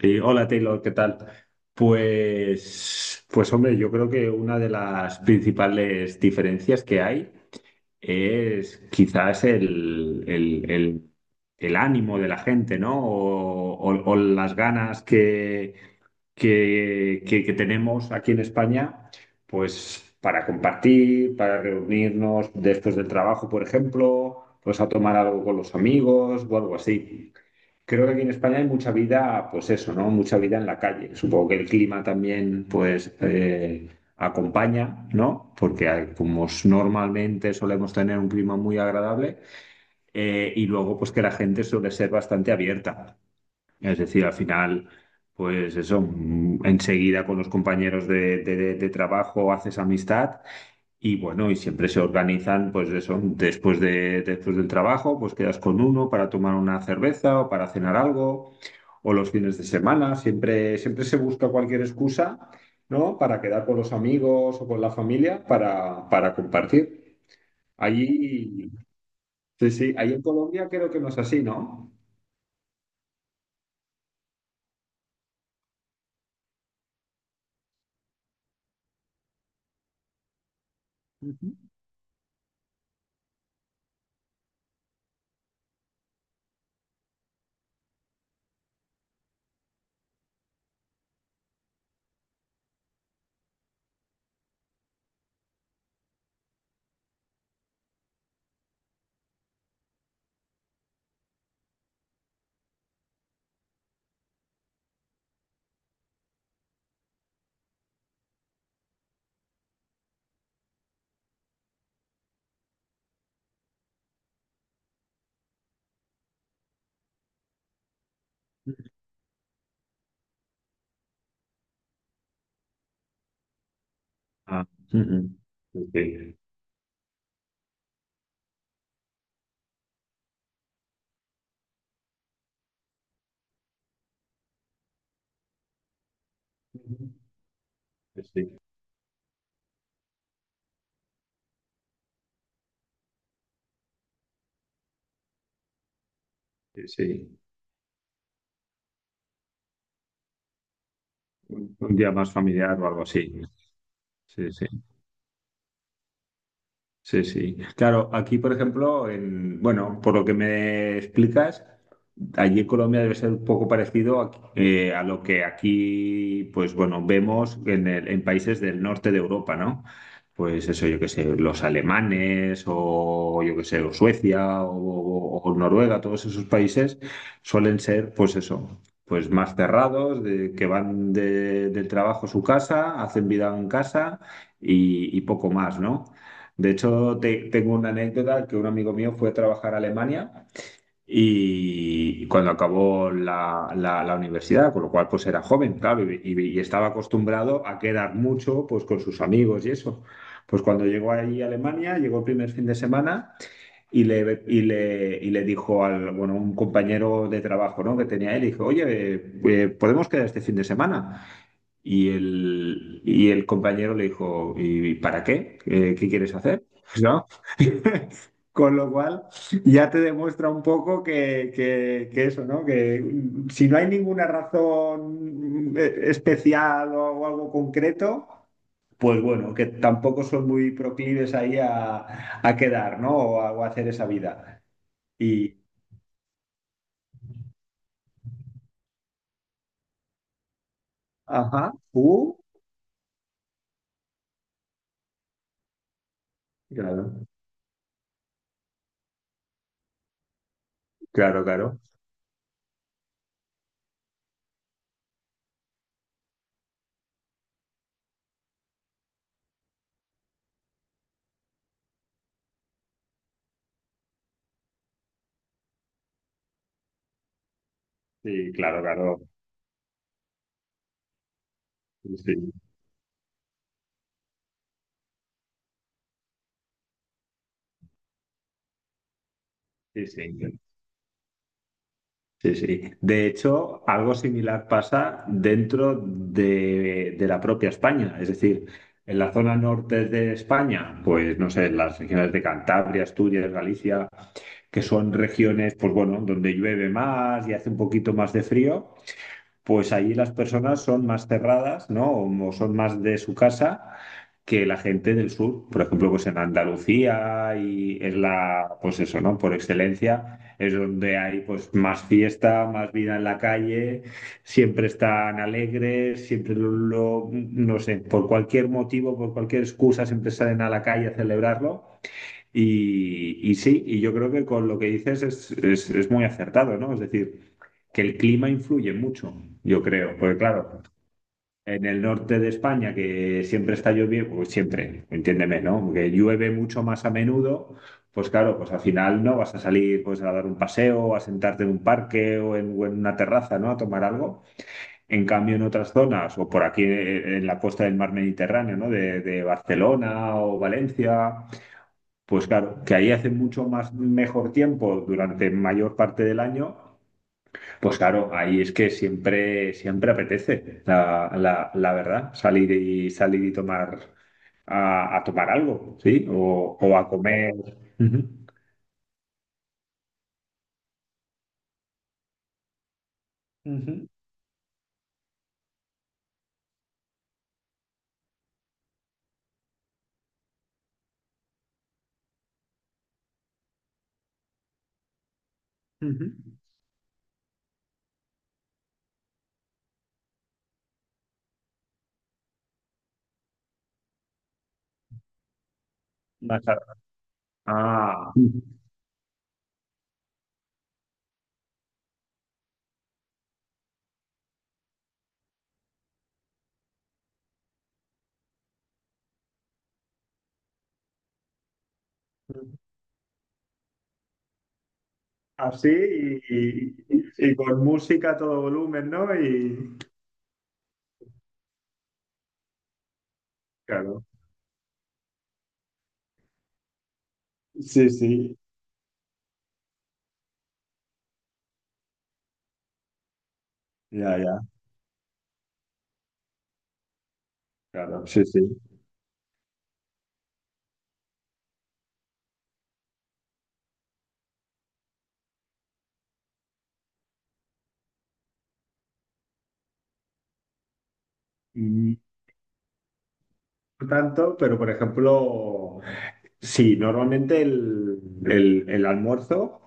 Sí, hola Taylor, ¿qué tal? Pues hombre, yo creo que una de las principales diferencias que hay es quizás el ánimo de la gente, ¿no? O las ganas que tenemos aquí en España, pues para compartir, para reunirnos después del trabajo, por ejemplo, pues a tomar algo con los amigos o algo así. Creo que aquí en España hay mucha vida, pues eso, ¿no? Mucha vida en la calle. Supongo que el clima también, pues, acompaña, ¿no? Porque normalmente solemos tener un clima muy agradable, y luego, pues, que la gente suele ser bastante abierta. Es decir, al final, pues eso, enseguida con los compañeros de trabajo haces amistad y bueno, y siempre se organizan, pues eso, después del trabajo, pues quedas con uno para tomar una cerveza o para cenar algo, o los fines de semana, siempre, siempre se busca cualquier excusa, ¿no? Para quedar con los amigos o con la familia para compartir. Allí, sí, sí, ahí en Colombia creo que no es así, ¿no? Ujú. Ah, ujú. Sí, sí, sí, sí. Un día más familiar o algo así. Sí, sí. Sí, sí. Claro, aquí, por ejemplo, en, bueno, por lo que me explicas, allí en Colombia debe ser un poco parecido a lo que aquí, pues bueno, vemos en, en países del norte de Europa, ¿no? Pues eso, yo qué sé, los alemanes o yo qué sé, o Suecia o Noruega, todos esos países suelen ser, pues eso, pues más cerrados, de, que van del trabajo a su casa, hacen vida en casa y poco más, ¿no? De hecho, tengo una anécdota que un amigo mío fue a trabajar a Alemania y cuando acabó la universidad, con lo cual pues era joven, claro, y estaba acostumbrado a quedar mucho pues con sus amigos y eso. Pues cuando llegó allí a Alemania, llegó el primer fin de semana y le dijo al, bueno, un compañero de trabajo, ¿no? que tenía él, dijo, oye, ¿podemos quedar este fin de semana? Y el compañero le dijo, ¿y para qué? ¿Qué quieres hacer? ¿No? Con lo cual ya te demuestra un poco que eso, ¿no? Que si no hay ninguna razón especial o algo concreto, pues bueno, que tampoco son muy proclives ahí a quedar, ¿no? O a hacer esa vida. Y, ajá, claro, claro, claro. Sí, claro, claro. Sí, sí, sí. Sí, sí. De hecho, algo similar pasa dentro de la propia España. Es decir, en la zona norte de España, pues no sé, en las regiones de Cantabria, Asturias, Galicia, que son regiones, pues bueno, donde llueve más y hace un poquito más de frío pues allí las personas son más cerradas, ¿no? O son más de su casa que la gente del sur. Por ejemplo, pues en Andalucía y es la, pues eso, ¿no? Por excelencia es donde hay pues más fiesta, más vida en la calle, siempre están alegres, siempre no sé, por cualquier motivo, por cualquier excusa, siempre salen a la calle a celebrarlo. Y sí, y yo creo que con lo que dices es muy acertado, ¿no? Es decir, que el clima influye mucho, yo creo, porque claro, en el norte de España que siempre está lloviendo, pues siempre, entiéndeme, ¿no? Que llueve mucho más a menudo, pues claro, pues al final no vas a salir pues a dar un paseo, a sentarte en un parque o en una terraza, ¿no? A tomar algo. En cambio, en otras zonas, o por aquí en la costa del mar Mediterráneo, ¿no? De Barcelona o Valencia pues claro, que ahí hace mucho más mejor tiempo durante mayor parte del año, pues claro, ahí es que siempre, siempre apetece, la verdad, salir y salir y tomar a tomar algo, ¿sí? O a comer. Ujú, ujú, ujú. Más a- Ah, así y con música a todo volumen, ¿no? Y claro. Sí, sí. Ya, ya. Claro, sí, sí. No tanto, pero por ejemplo, sí, normalmente el almuerzo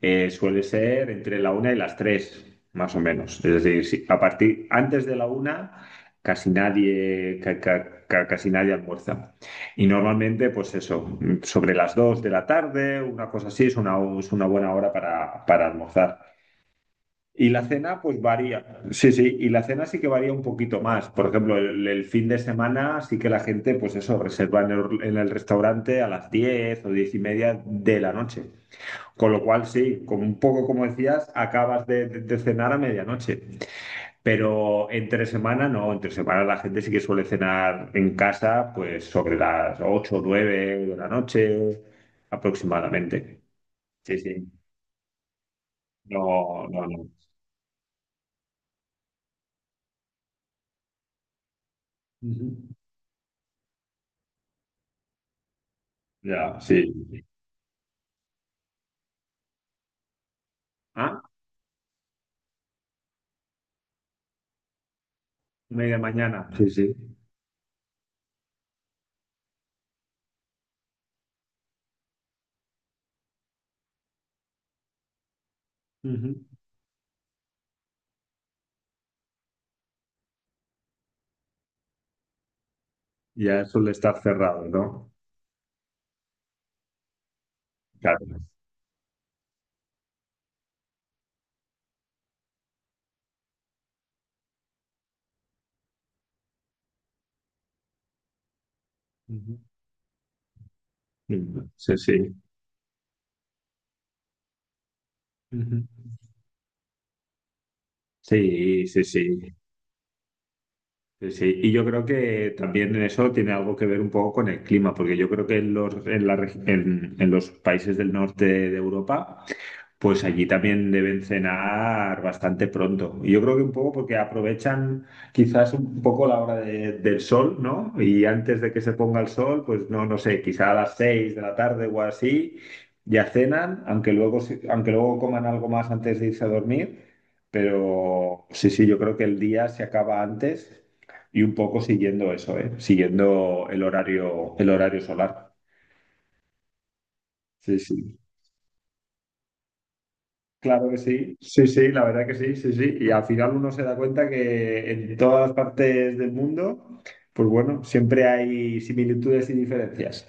suele ser entre la una y las tres, más o menos. Es decir, sí, a partir antes de la una casi nadie, casi nadie almuerza. Y normalmente, pues eso, sobre las dos de la tarde, una cosa así, es una buena hora para almorzar. Y la cena, pues varía. Sí, sí, y la cena sí que varía un poquito más. Por ejemplo, el fin de semana sí que la gente, pues eso, reserva en el restaurante a las 10 o 10 y media de la noche. Con lo cual, sí, como un poco como decías, acabas de cenar a medianoche. Pero entre semana no, entre semana la gente sí que suele cenar en casa, pues sobre las 8 o 9 de la noche aproximadamente. Sí, sí. No, no, no. Ujú. Ya, sí. Ah, media mañana. Sí, sí. Ujú. Ya eso le está cerrado, ¿no? Claro. Ujú. Mm, sí, sí. Ujú. Sí, sí, sí. Sí, sí. Y yo creo que también en eso tiene algo que ver un poco con el clima, porque yo creo que en los, en la reg- en los países del norte de Europa pues allí también deben cenar bastante pronto. Y yo creo que un poco porque aprovechan quizás un poco la hora del sol, ¿no? Y antes de que se ponga el sol, pues no sé, quizá a las seis de la tarde o así, ya cenan, aunque luego, aunque luego coman algo más antes de irse a dormir. Pero sí, sí, yo creo que el día se acaba antes y un poco siguiendo eso, ¿eh? Siguiendo el horario solar. Sí, sí. Claro que sí, sí, sí, la verdad que sí, sí, sí. Y al final uno se da cuenta que en todas las partes del mundo, pues bueno, siempre hay similitudes y diferencias.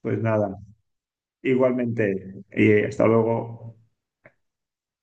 Pues nada, igualmente, y hasta luego.